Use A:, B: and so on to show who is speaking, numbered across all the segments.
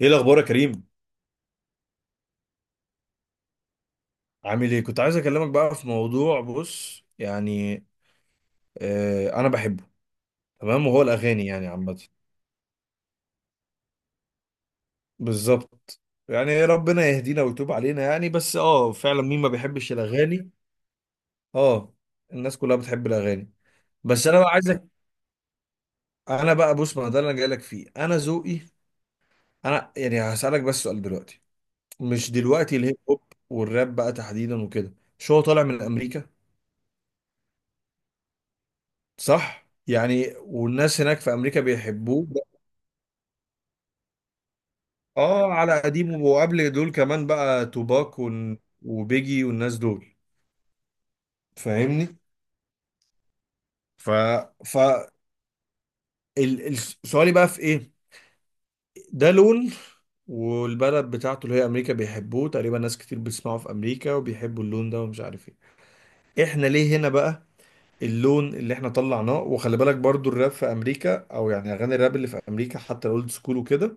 A: ايه الاخبار يا كريم؟ عامل ايه؟ كنت عايز اكلمك بقى في موضوع. بص، انا بحبه. تمام، وهو الاغاني يعني عامه. بالظبط، يعني ربنا يهدينا ويتوب علينا، بس فعلا مين ما بيحبش الاغاني. اه، الناس كلها بتحب الاغاني. بس انا بقى عايزك، انا بقى بص، ما ده اللي انا جاي لك فيه. انا ذوقي، انا يعني هسالك بس سؤال دلوقتي. مش دلوقتي، الهيب هوب والراب بقى تحديدا وكده، شو هو طالع من امريكا، صح؟ يعني والناس هناك في امريكا بيحبوه. اه، على قديم، وقبل دول كمان بقى توباك وبيجي والناس دول، فاهمني؟ ف ف ال- ال- سؤالي بقى في ايه. ده لون، والبلد بتاعته اللي هي امريكا بيحبوه، تقريبا ناس كتير بتسمعه في امريكا وبيحبوا اللون ده، ومش عارف ايه. احنا ليه هنا بقى، اللون اللي احنا طلعناه؟ وخلي بالك برضو الراب في امريكا، او يعني اغاني الراب اللي في امريكا حتى الاولد سكول وكده،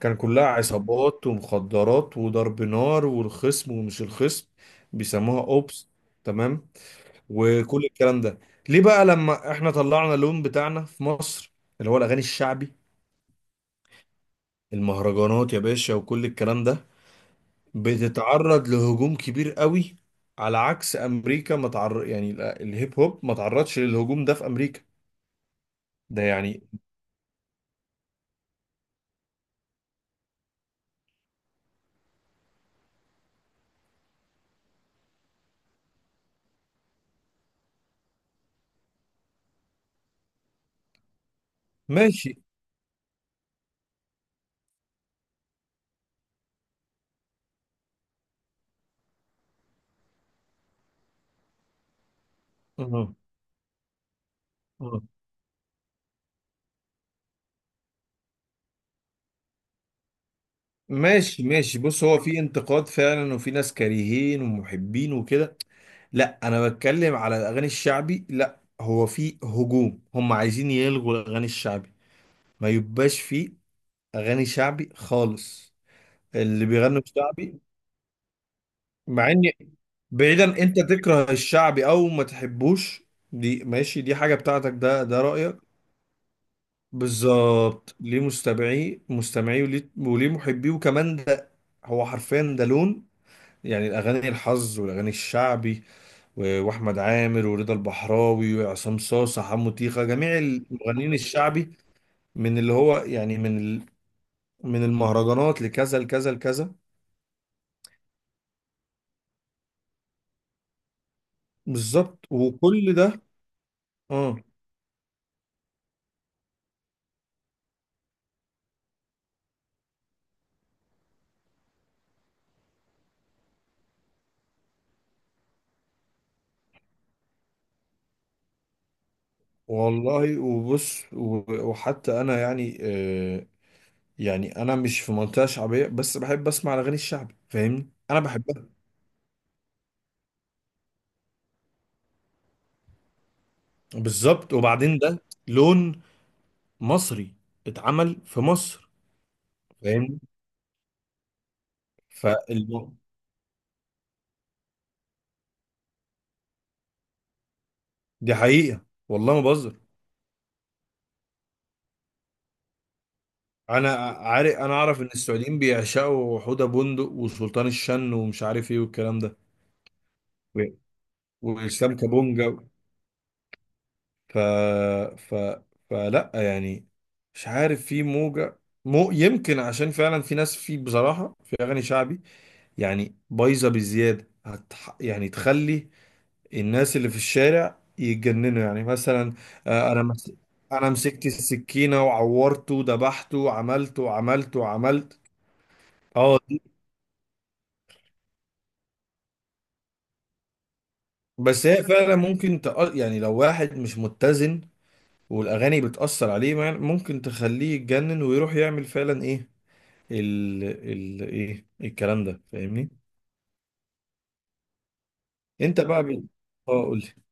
A: كان كلها عصابات ومخدرات وضرب نار والخصم ومش الخصم، بيسموها اوبس. تمام، وكل الكلام ده، ليه بقى لما احنا طلعنا اللون بتاعنا في مصر، اللي هو الاغاني الشعبي، المهرجانات يا باشا وكل الكلام ده، بتتعرض لهجوم كبير قوي، على عكس امريكا. ما تعر... يعني ال- الهيب هوب ما تعرضش للهجوم ده في امريكا. ده يعني ماشي. أها، أها. ماشي ماشي، بص، هو في انتقاد فعلا وفي ناس كارهين ومحبين وكده، لا انا بتكلم على الاغاني الشعبي. لا، هو في هجوم، هم عايزين يلغوا الاغاني الشعبي، ما يبقاش في اغاني شعبي خالص، اللي بيغنوا شعبي. مع ان، بعيدا، انت تكره الشعبي او ما تحبوش، دي ماشي، دي حاجة بتاعتك، ده رأيك. بالظبط، ليه مستمعيه مستمعيه وليه وليه محبيه، وكمان ده هو حرفيا ده لون، يعني الاغاني الحظ والاغاني الشعبي، واحمد عامر ورضا البحراوي وعصام صاصا حمو تيخة، جميع المغنيين الشعبي، من اللي هو يعني من ال... من المهرجانات لكذا لكذا لكذا. بالظبط، وكل ده. اه والله، وبص، وحتى انا يعني انا مش في منطقة شعبية بس بحب اسمع الاغاني الشعبي، فاهمني؟ انا بحبها. بالظبط، وبعدين ده لون مصري اتعمل في مصر، فاهمني؟ فالم... دي حقيقة والله ما بهزر. انا عارف، انا اعرف ان السعوديين بيعشقوا حوده بندق وسلطان الشن ومش عارف ايه والكلام ده، و- واسلام كابونجا. ف... ف... فلا يعني، مش عارف، في موجه. مو يمكن عشان فعلا في ناس، في بصراحه في اغاني شعبي يعني بايظه بزياده، هتح... يعني تخلي الناس اللي في الشارع يتجننوا. يعني مثلا، انا انا مسكت السكينه وعورته وذبحته وعملته وعملته وعملت. اه، بس هي فعلا ممكن تأ... يعني لو واحد مش متزن والاغاني بتأثر عليه، ممكن تخليه يتجنن ويروح يعمل فعلا ايه ايه الكلام ده، فاهمني؟ انت بقى ب... اه قول لي.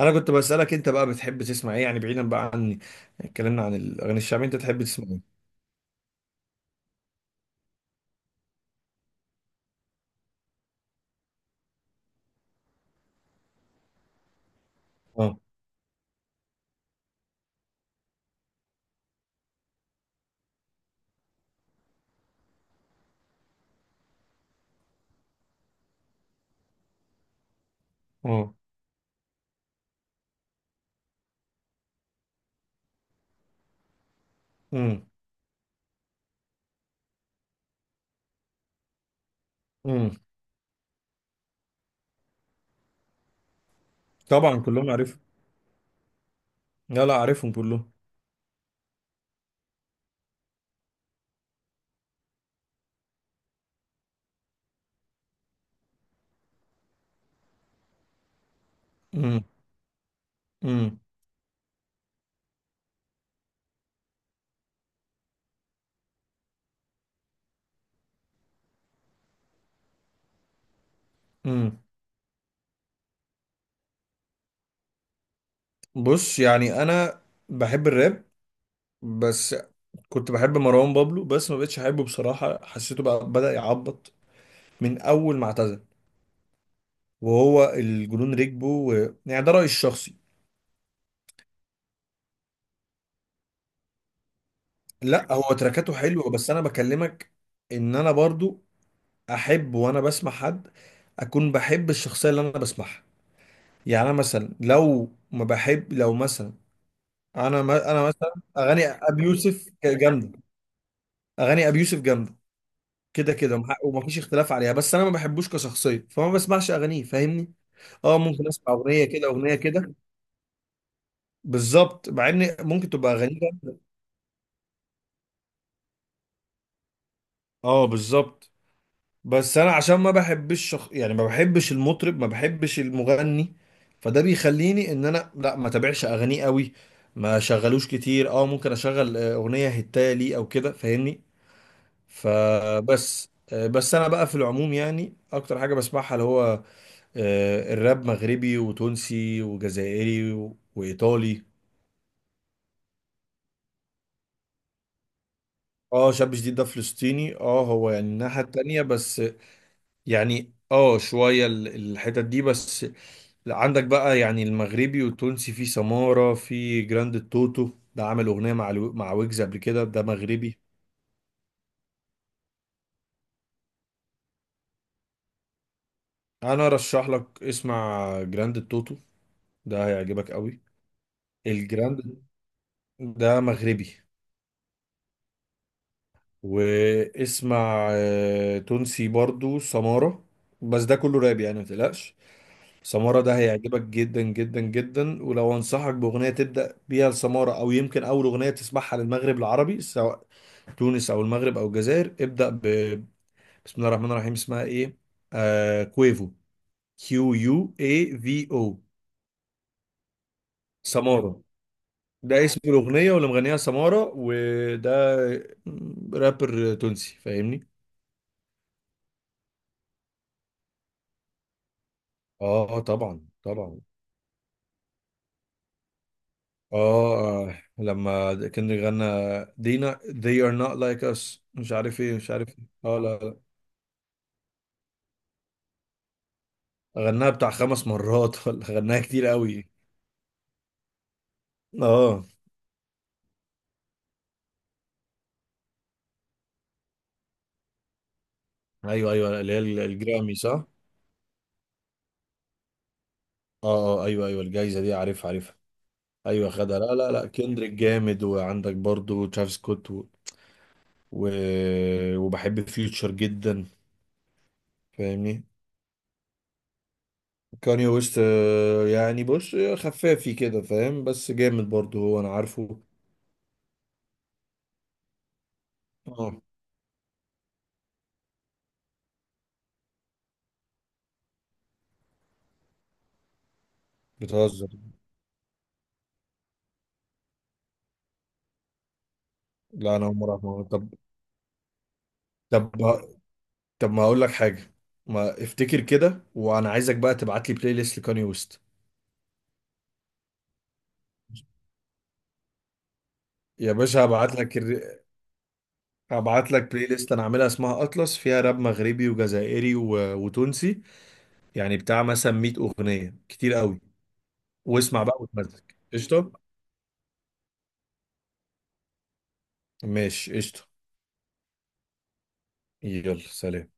A: انا كنت بسألك، انت بقى بتحب تسمع ايه؟ يعني بعيدا بقى عن، اتكلمنا عن الاغاني الشعبية، انت تحب تسمع ايه؟ اه. اه. امم. امم. طبعا كلهم عارفهم. لا لا، عارفهم كلهم. امم. امم. امم. بص، يعني انا بحب الراب، بس كنت بحب مروان بابلو، بس ما بقتش احبه بصراحة، حسيته بقى بدأ يعبط من اول ما اعتزل، وهو الجنون ركبه و... يعني ده رأيي الشخصي. لا، هو تركاته حلوة، بس انا بكلمك ان انا برضو احب وانا بسمع حد اكون بحب الشخصية اللي انا بسمعها. يعني انا مثلا، لو ما بحب، لو مثلا، انا ما... انا مثلا اغاني ابي يوسف جامدة. اغاني ابي يوسف جامدة كده كده، ومفيش اختلاف عليها، بس انا ما بحبوش كشخصية، فما بسمعش اغانيه، فاهمني؟ اه، ممكن اسمع اغنيه كده اغنيه كده، بالظبط، مع ان ممكن تبقى غريبه. اه بالظبط، بس انا عشان ما بحبش شخ... يعني ما بحبش المطرب، ما بحبش المغني، فده بيخليني ان انا لا ما تابعش اغانيه قوي، ما شغلوش كتير. اه ممكن اشغل اغنيه هتايه لي او كده، فاهمني؟ فبس آه، بس انا بقى في العموم يعني اكتر حاجه بسمعها اللي هو الراب مغربي وتونسي وجزائري وايطالي. اه، شاب جديد ده فلسطيني، اه هو يعني الناحية التانية بس، يعني اه شوية الحتت دي بس. عندك بقى يعني المغربي والتونسي، في سمارة، في جراند التوتو، ده عمل أغنية مع مع ويجز قبل كده، ده مغربي. أنا أرشح لك اسمع جراند التوتو، ده هيعجبك قوي. الجراند ده مغربي. واسمع تونسي برضو سمارة. بس ده كله راب يعني متقلقش. سمارة ده هيعجبك جدا جدا جدا. ولو انصحك بأغنية تبدأ بيها لسمارة، او يمكن اول أغنية تسمعها للمغرب العربي، سواء تونس او المغرب او الجزائر، ابدأ ب... بسم الله الرحمن الرحيم. اسمها ايه؟ آه... كويفو، كيو يو اي في او. سمارة ده اسم الأغنية، واللي مغنيها سمارة، وده رابر تونسي، فاهمني؟ اه آه، طبعا طبعا. اه لما كان غنى دينا they are not like us، مش عارف ايه مش عارف ايه. اه لا لا، غناها بتاع خمس مرات ولا غناها كتير قوي. اه ايوه ايوه، اللي هي الجرامي، صح؟ اه. اه ايوه ايوه، الجايزه دي عارفها عارفها. ايوه خدها. لا لا لا، كندريك جامد، وعندك برضو ترافيس سكوت و... و... وبحب فيوتشر جدا، فاهمني؟ كاني ويست يعني بص خفافي كده، فاهم؟ بس جامد برضو هو، انا عارفه. اه، بتهزر؟ لا، انا اول مره أعرف الموضوع. طب، طب، طب ما اقول لك حاجه، ما افتكر كده، وانا عايزك بقى تبعت لي بلاي ليست لكاني ويست. يا باشا، هبعت لك بلاي ليست انا عاملها اسمها اطلس، فيها راب مغربي وجزائري و... وتونسي، يعني بتاع مثلا 100 اغنيه، كتير قوي. واسمع بقى وتمزج. قشطه. ماشي قشطه. يلا سلام.